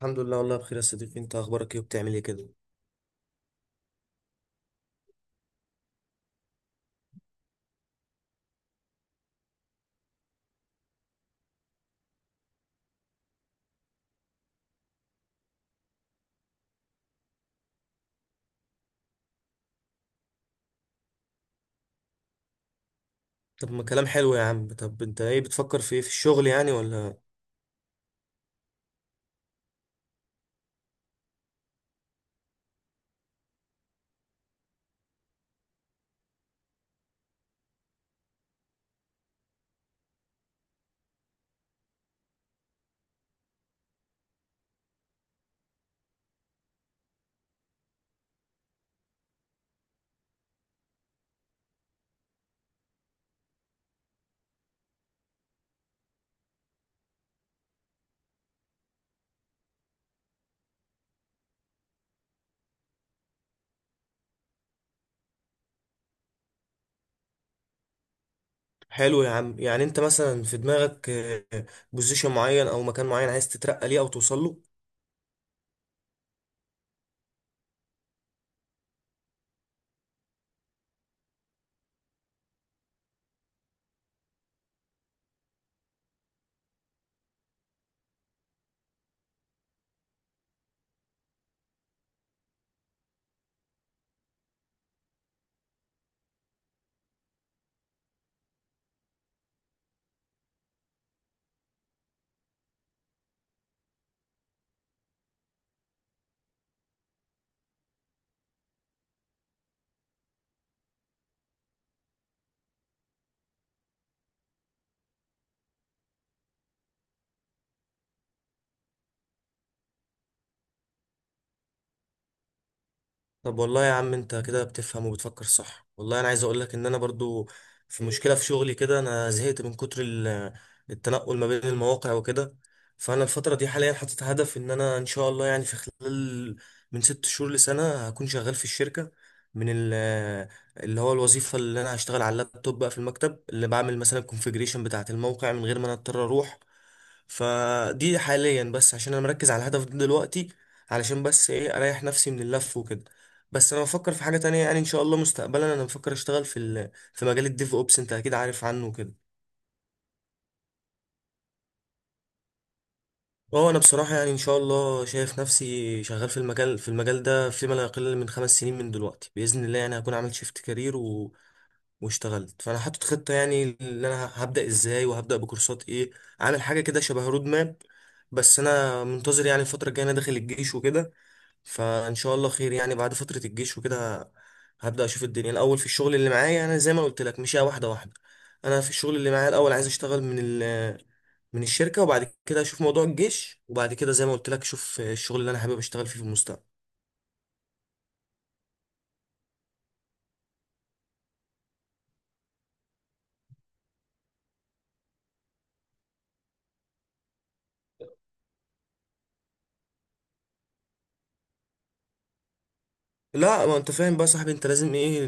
الحمد لله، والله بخير يا صديقي. انت اخبارك ايه وبتعمل ايه كده؟ طب ما كلام حلو يا عم. طب انت ايه بتفكر في ايه في الشغل يعني ولا؟ حلو يا عم. يعني انت مثلا في دماغك بوزيشن معين او مكان معين عايز تترقى ليه او توصل له؟ طب والله يا عم انت كده بتفهم وبتفكر صح. والله انا عايز اقول لك ان انا برضو في مشكلة في شغلي كده. انا زهقت من كتر التنقل ما بين المواقع وكده. فانا الفترة دي حاليا حاطط هدف ان انا ان شاء الله يعني في خلال من 6 شهور لسنة هكون شغال في الشركة، من ال- اللي هو الوظيفة اللي انا هشتغل على اللابتوب بقى في المكتب، اللي بعمل مثلا الكونفيجريشن بتاعة الموقع من غير ما انا اضطر اروح. فدي حاليا بس عشان انا مركز على الهدف ده دلوقتي، علشان بس ايه، اريح نفسي من اللف وكده. بس انا بفكر في حاجه تانية، يعني ان شاء الله مستقبلا انا بفكر اشتغل في في مجال الديف اوبس، انت اكيد عارف عنه كده. اه انا بصراحه يعني ان شاء الله شايف نفسي شغال في المجال ده فيما لا يقل من 5 سنين من دلوقتي باذن الله، يعني هكون عملت شيفت كارير واشتغلت. فانا حاطط خطه يعني اللي انا هبدا ازاي وهبدا بكورسات ايه، عامل حاجه كده شبه رود ماب. بس انا منتظر يعني الفتره الجايه انا داخل الجيش وكده، فان شاء الله خير. يعني بعد فتره الجيش وكده هبدا اشوف الدنيا الاول. في الشغل اللي معايا انا زي ما قلت لك مشيها واحده واحده. انا في الشغل اللي معايا الاول عايز اشتغل من ال من الشركه، وبعد كده اشوف موضوع الجيش، وبعد كده زي ما قلت لك اشوف الشغل اللي انا حابب اشتغل فيه في المستقبل. لا ما انت فاهم بقى يا صاحبي، انت لازم ايه،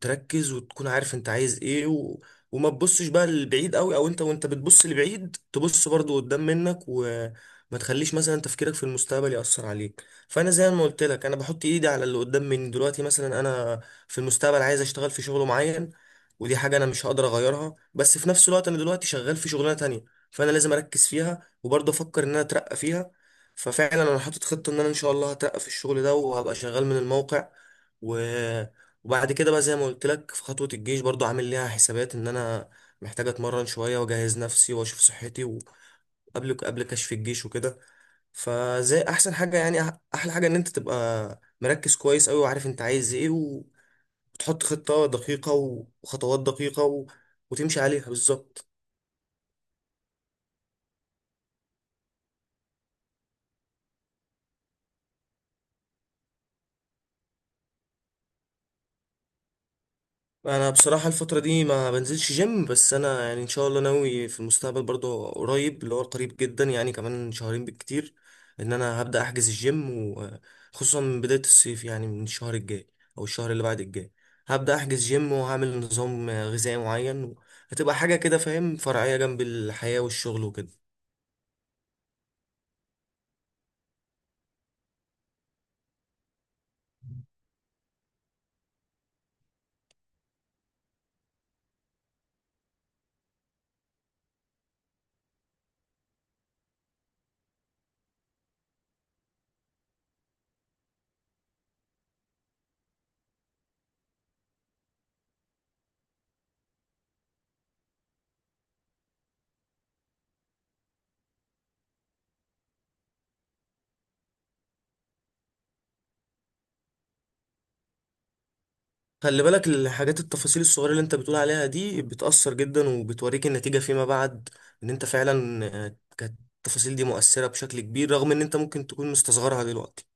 تركز وتكون عارف انت عايز ايه وما تبصش بقى لبعيد قوي، او انت وانت بتبص لبعيد تبص برضو قدام منك، وما تخليش مثلا تفكيرك في المستقبل يأثر عليك. فانا زي ما قلت لك انا بحط ايدي على اللي قدام مني دلوقتي. مثلا انا في المستقبل عايز اشتغل في شغل معين، ودي حاجة انا مش هقدر اغيرها، بس في نفس الوقت انا دلوقتي شغال في شغلانة تانية، فانا لازم اركز فيها وبرضه افكر ان انا اترقى فيها. ففعلا انا حاطط خطه ان انا ان شاء الله هترقى في الشغل ده وهبقى شغال من الموقع، و... وبعد كده بقى زي ما قلت لك في خطوه الجيش، برضو عامل ليها حسابات ان انا محتاج اتمرن شويه واجهز نفسي واشوف صحتي قبل كشف الجيش وكده. فزي احسن حاجه يعني احلى حاجه ان انت تبقى مركز كويس قوي وعارف انت عايز ايه وتحط خطه دقيقه وخطوات دقيقه وتمشي عليها بالظبط. انا بصراحه الفتره دي ما بنزلش جيم، بس انا يعني ان شاء الله ناوي في المستقبل برضه قريب، اللي هو قريب جدا يعني كمان شهرين بالكتير ان انا هبدا احجز الجيم، وخصوصا من بدايه الصيف يعني من الشهر الجاي او الشهر اللي بعد الجاي هبدا احجز جيم وهعمل نظام غذائي معين. هتبقى حاجه كده فاهم فرعيه جنب الحياه والشغل وكده. خلي بالك، الحاجات التفاصيل الصغيرة اللي انت بتقول عليها دي بتأثر جدا وبتوريك النتيجة فيما بعد، ان انت فعلا كانت التفاصيل دي مؤثرة بشكل كبير رغم ان انت ممكن تكون مستصغرها دلوقتي.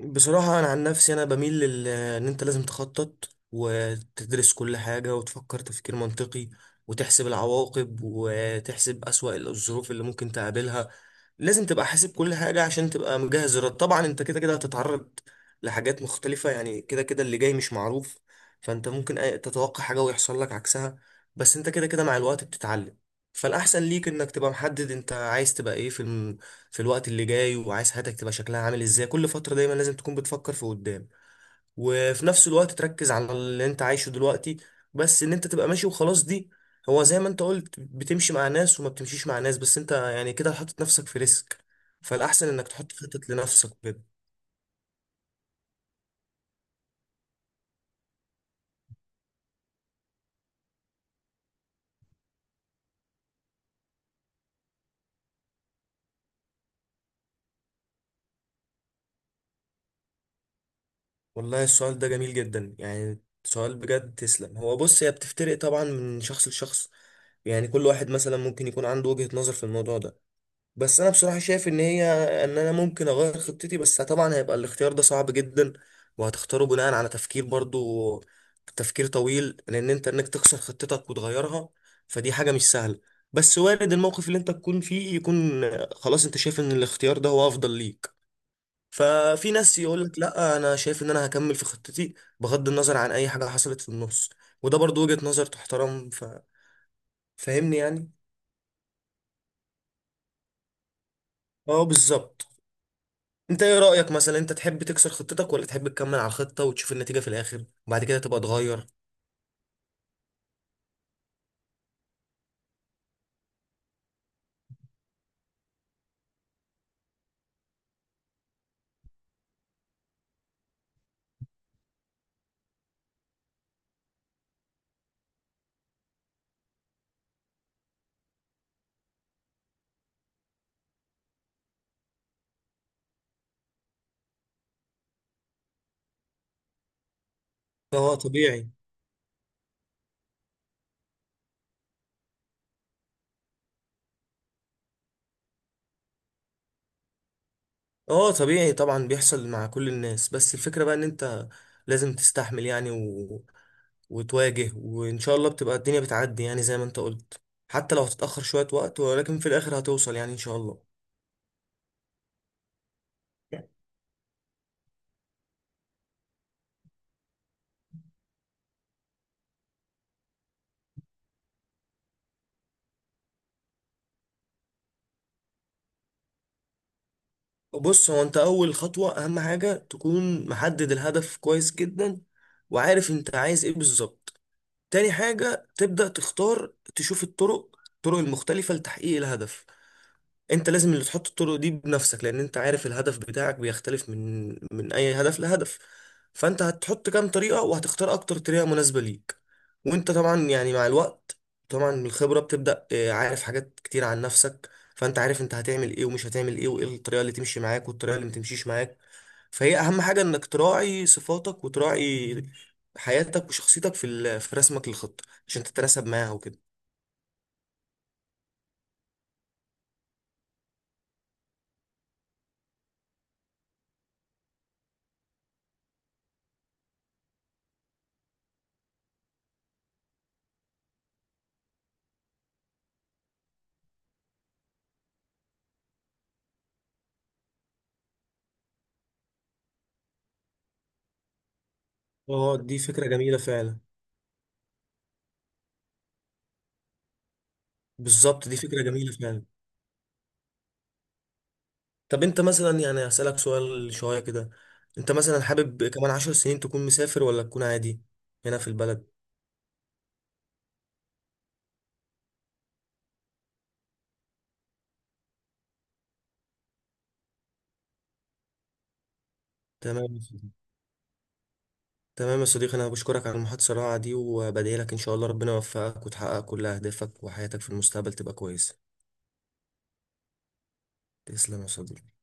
بصراحة أنا عن نفسي أنا بميل إن أنت لازم تخطط وتدرس كل حاجة وتفكر تفكير منطقي وتحسب العواقب وتحسب أسوأ الظروف اللي ممكن تقابلها. لازم تبقى حاسب كل حاجة عشان تبقى مجهز الرد. طبعا أنت كده كده هتتعرض لحاجات مختلفة، يعني كده كده اللي جاي مش معروف، فأنت ممكن تتوقع حاجة ويحصل لك عكسها، بس أنت كده كده مع الوقت بتتعلم. فالأحسن ليك إنك تبقى محدد أنت عايز تبقى إيه في في الوقت اللي جاي، وعايز حياتك تبقى شكلها عامل ازاي. كل فترة دايما لازم تكون بتفكر في قدام، وفي نفس الوقت تركز على اللي انت عايشه دلوقتي. بس ان انت تبقى ماشي وخلاص دي، هو زي ما انت قلت، بتمشي مع ناس وما بتمشيش مع ناس، بس انت يعني كده حاطط نفسك في ريسك، فالأحسن انك تحط خطط لنفسك كده. والله السؤال ده جميل جدا، يعني سؤال بجد تسلم. هو بص، هي بتفترق طبعا من شخص لشخص، يعني كل واحد مثلا ممكن يكون عنده وجهة نظر في الموضوع ده. بس انا بصراحه شايف ان هي، ان انا ممكن اغير خطتي، بس طبعا هيبقى الاختيار ده صعب جدا، وهتختاره بناء على تفكير برضو، تفكير طويل، لان انت انك تخسر خطتك وتغيرها فدي حاجه مش سهله. بس وارد الموقف اللي انت تكون فيه يكون خلاص انت شايف ان الاختيار ده هو افضل ليك. ففي ناس يقول لك لا انا شايف ان انا هكمل في خطتي بغض النظر عن اي حاجه حصلت في النص، وده برضو وجهه نظر تحترم. فاهمني يعني. اه بالظبط. انت ايه رأيك، مثلا انت تحب تكسر خطتك، ولا تحب تكمل على الخطة وتشوف النتيجة في الآخر وبعد كده تبقى تغير؟ اه طبيعي. اه طبيعي، طبعا بيحصل مع كل الناس. بس الفكرة بقى ان انت لازم تستحمل يعني وتواجه، وان شاء الله بتبقى الدنيا بتعدي يعني زي ما انت قلت، حتى لو هتتأخر شوية وقت ولكن في الآخر هتوصل يعني ان شاء الله. بص، هو انت اول خطوة اهم حاجة تكون محدد الهدف كويس جدا وعارف انت عايز ايه بالظبط. تاني حاجة تبدأ تختار تشوف الطرق، الطرق المختلفة لتحقيق الهدف. انت لازم اللي تحط الطرق دي بنفسك، لان انت عارف الهدف بتاعك بيختلف من اي هدف لهدف. فانت هتحط كام طريقة وهتختار اكتر طريقة مناسبة ليك. وانت طبعا يعني مع الوقت، طبعا من الخبرة بتبدأ عارف حاجات كتير عن نفسك، فانت عارف انت هتعمل ايه ومش هتعمل ايه وايه الطريقة اللي تمشي معاك والطريقة اللي متمشيش معاك. فهي اهم حاجة انك تراعي صفاتك وتراعي حياتك وشخصيتك في في رسمك للخطة عشان تتناسب معاها وكده. اه دي فكرة جميلة فعلا. بالظبط، دي فكرة جميلة فعلا. طب انت مثلا يعني هسألك سؤال شوية كده. انت مثلا حابب كمان 10 سنين تكون مسافر ولا تكون عادي هنا في البلد؟ تمام يا صديقي. تمام يا صديقي، انا بشكرك على المحادثة الرائعة دي، وبدعي لك ان شاء الله ربنا يوفقك وتحقق كل اهدافك وحياتك في المستقبل تبقى كويسة. تسلم يا صديقي.